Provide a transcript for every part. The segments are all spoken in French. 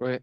Ouais,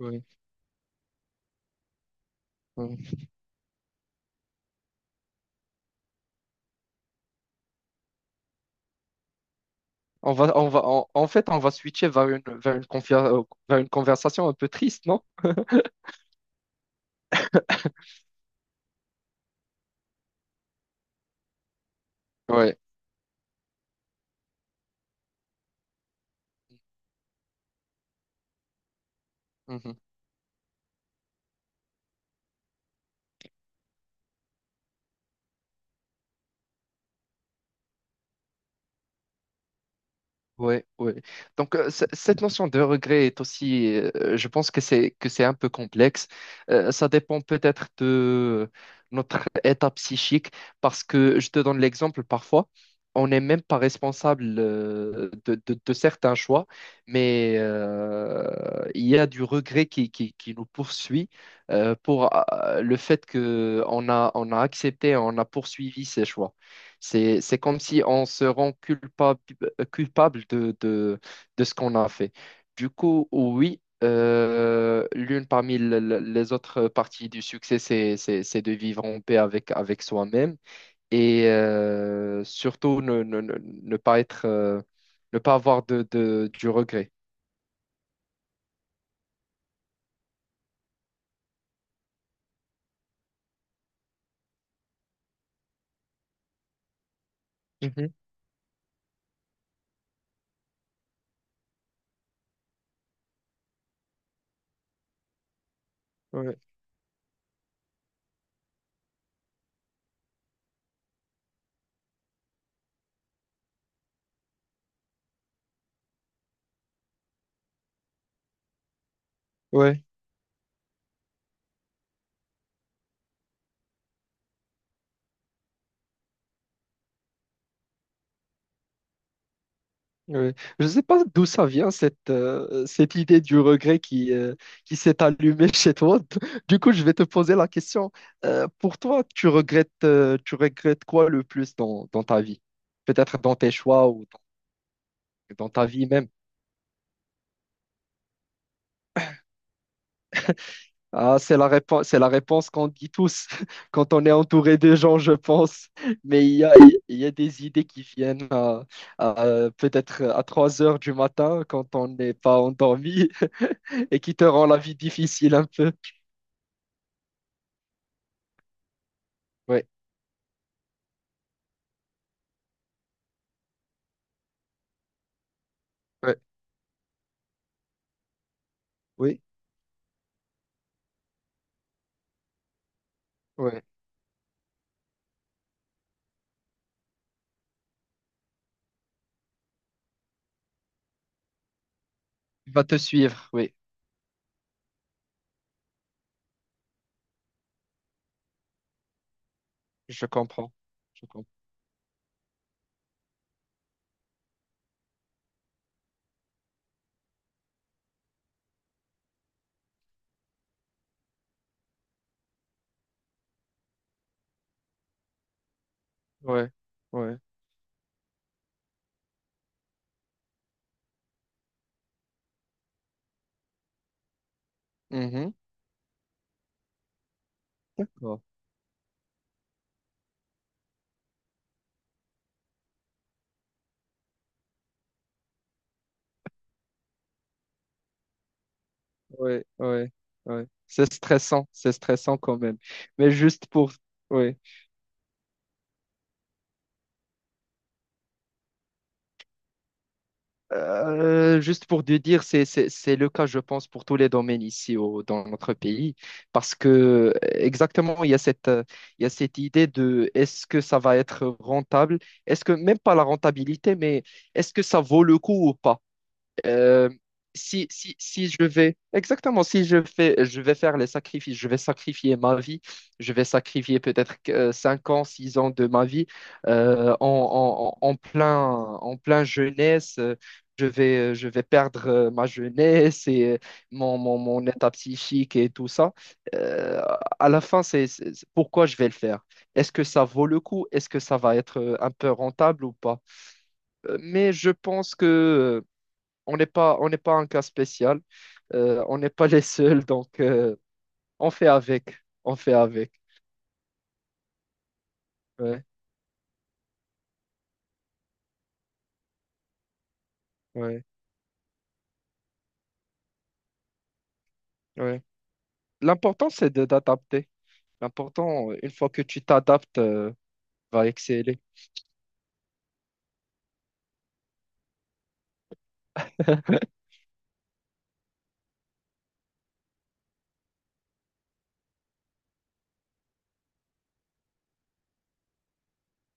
ouais, ouais. On va, en en fait, on va switcher vers vers une conversation un peu triste, non? Ouais. Ouais, ouais. Donc cette notion de regret est aussi, je pense que c'est un peu complexe. Ça dépend peut-être de notre état psychique, parce que je te donne l'exemple parfois, on n'est même pas responsable de certains choix, mais il y a du regret qui nous poursuit pour le fait que on a accepté, on a poursuivi ces choix. C'est comme si on se rend culpable, culpable de ce qu'on a fait. Du coup, oui, l'une parmi les autres parties du succès, c'est de vivre en paix avec, avec soi-même et surtout ne pas être, ne pas avoir du regret. Mhm, ouais. Ouais. Oui. Je ne sais pas d'où ça vient, cette idée du regret qui s'est allumée chez toi. Du coup, je vais te poser la question. Pour toi, tu regrettes quoi le plus dans, dans ta vie? Peut-être dans tes choix ou dans, dans ta vie même. Ah, c'est la réponse qu'on dit tous quand on est entouré de gens, je pense. Mais il y a des idées qui viennent à, peut-être à 3 heures du matin quand on n'est pas endormi et qui te rend la vie difficile un peu. Oui, oui, oui, oui. Il va te suivre, oui, je comprends. Je comprends. Ouais, ouais. Mhm. D'accord. Ouais, ouais. Oui. C'est stressant quand même. Mais juste pour, ouais. Juste pour te dire, c'est le cas, je pense, pour tous les domaines ici au, dans notre pays. Parce que, exactement, il y a il y a cette idée de est-ce que ça va être rentable? Est-ce que, même pas la rentabilité, mais est-ce que ça vaut le coup ou pas? Euh, si je vais, exactement, si je fais, je vais faire les sacrifices, je vais sacrifier ma vie, je vais sacrifier peut-être 5 ans, 6 ans de ma vie euh, en, en, en en plein, en plein jeunesse. Je vais perdre ma jeunesse et mon état psychique et tout ça. Euh, à la fin, c'est pourquoi je vais le faire. Est-ce que ça vaut le coup? Est-ce que ça va être un peu rentable ou pas? Mais je pense que on n'est pas un cas spécial. On n'est pas les seuls, donc on fait avec. On fait avec. Ouais, ouais, ouais. L'important, c'est de d'adapter. L'important, une fois que tu t'adaptes, va exceller.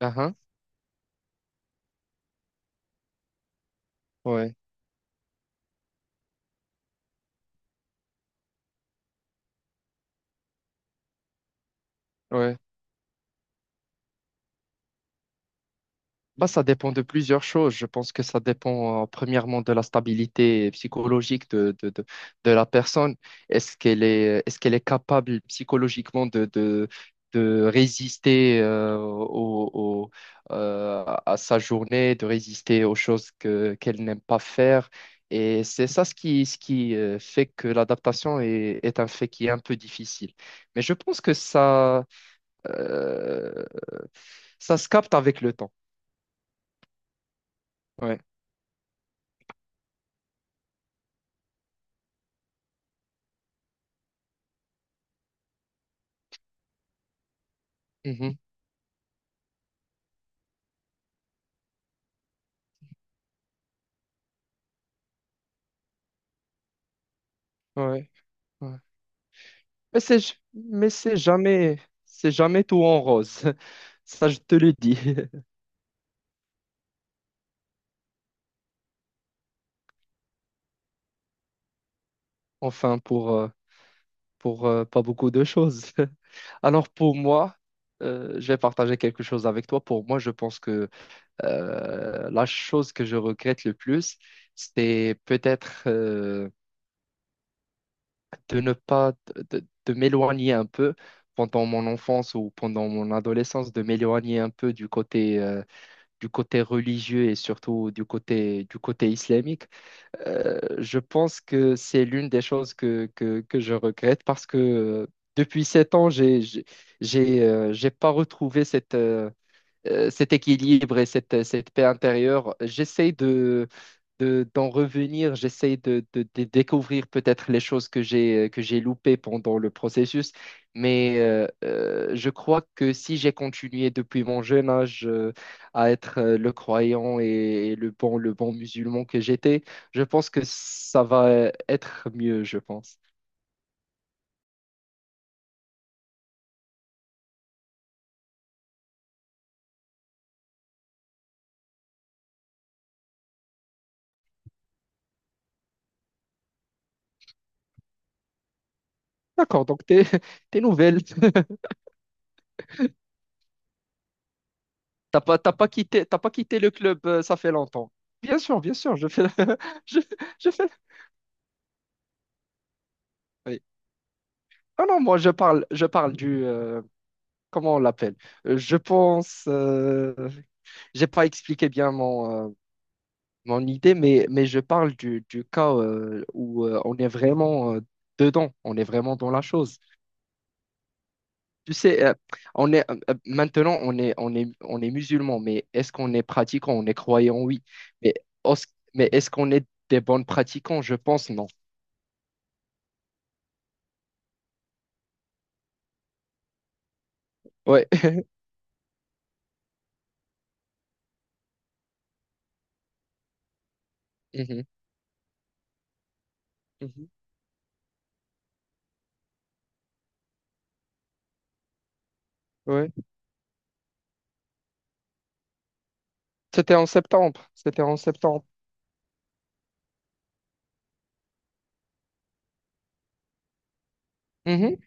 Ah, hein. Ouais, ouais. Bah, ça dépend de plusieurs choses. Je pense que ça dépend premièrement de la stabilité psychologique de la personne. Est-ce qu'elle est capable psychologiquement de résister à sa journée, de résister aux choses que, qu'elle n'aime pas faire. Et c'est ça ce qui fait que l'adaptation est, est un fait qui est un peu difficile. Mais je pense que euh, ça se capte avec le temps. Ouais. Mhm. Ouais, ouais. Mais c'est jamais tout en rose. Ça, je te le dis. Enfin, pour pas beaucoup de choses. Alors, pour moi, je vais partager quelque chose avec toi. Pour moi, je pense que la chose que je regrette le plus, c'est peut-être de ne pas, de m'éloigner un peu pendant mon enfance ou pendant mon adolescence, de m'éloigner un peu du côté religieux et surtout du côté islamique, je pense que c'est l'une des choses que je regrette parce que depuis 7 ans, j'ai pas retrouvé cet équilibre et cette, cette paix intérieure. J'essaie de, d'en revenir, j'essaie de, de découvrir peut-être les choses que j'ai loupées pendant le processus, mais je crois que si j'ai continué depuis mon jeune âge à être le croyant et, le bon musulman que j'étais, je pense que ça va être mieux, je pense. D'accord, donc tes, tes nouvelles. T'as pas quitté le club, ça fait longtemps. Bien sûr, je fais, je, je fais. Oui. Ah non, je parle du, comment on l'appelle? Euh, Je pense, euh, j'ai pas expliqué bien mon, mon idée, mais je parle du cas où on est vraiment dedans, on est vraiment dans la chose. Tu sais, on est maintenant, on est musulman, mais est-ce qu'on est pratiquant? On est croyant, oui. Mais, os- mais est-ce qu'on est des bons pratiquants? Je pense non. Ouais. Mhm. Mhm. Ouais. C'était en septembre. C'était en septembre. Mhm.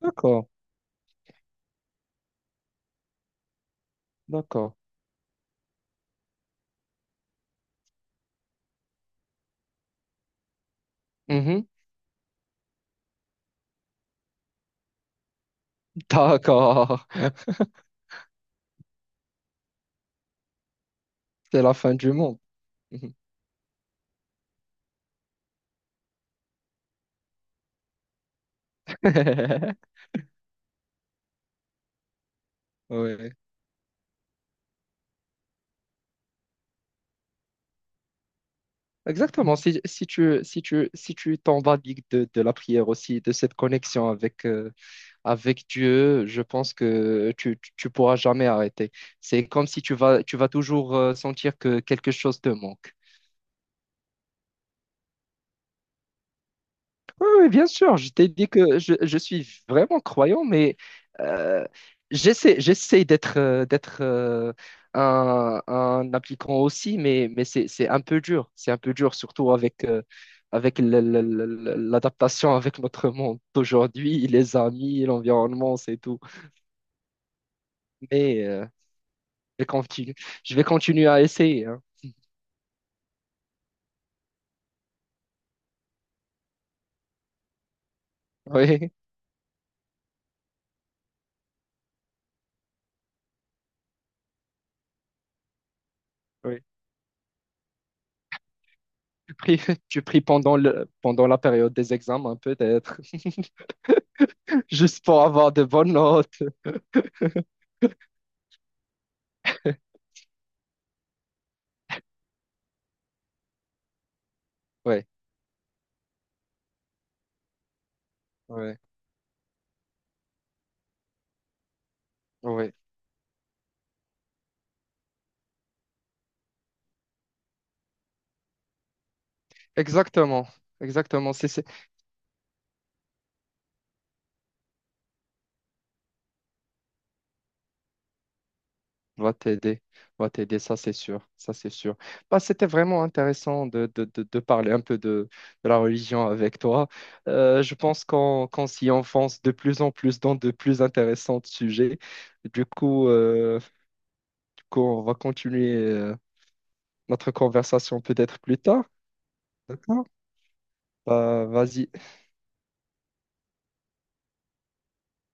D'accord. D'accord. Mhm. D'accord. C'est la fin du monde. Mhm. Ouais. Exactement. Si, si tu t'emballigues de la prière aussi, de cette connexion avec, avec Dieu, je pense que tu pourras jamais arrêter. C'est comme si tu vas, tu vas toujours sentir que quelque chose te manque. Oui, oui, bien sûr, je t'ai dit que je suis vraiment croyant, mais euh, j'essaie, j'essaie d'être un appliquant aussi, mais c'est un peu dur. C'est un peu dur, surtout avec, avec l'adaptation avec notre monde d'aujourd'hui, les amis, l'environnement, c'est tout. Mais je vais continuer, je vais continuer à essayer. Hein. Oui, oui. Tu pries, tu pries pendant le, pendant la période des examens, peut-être, juste pour avoir de bonnes notes. Oui. Ouais, ouais, exactement, exactement. Va t'aider, va t'aider, ça c'est sûr, ça c'est sûr. Bah, c'était vraiment intéressant de parler un peu de la religion avec toi. Je pense qu'on s'y enfonce de plus en plus dans de plus intéressants sujets. Du coup, euh, du coup, on va continuer notre conversation peut-être plus tard. D'accord? Bah, vas-y.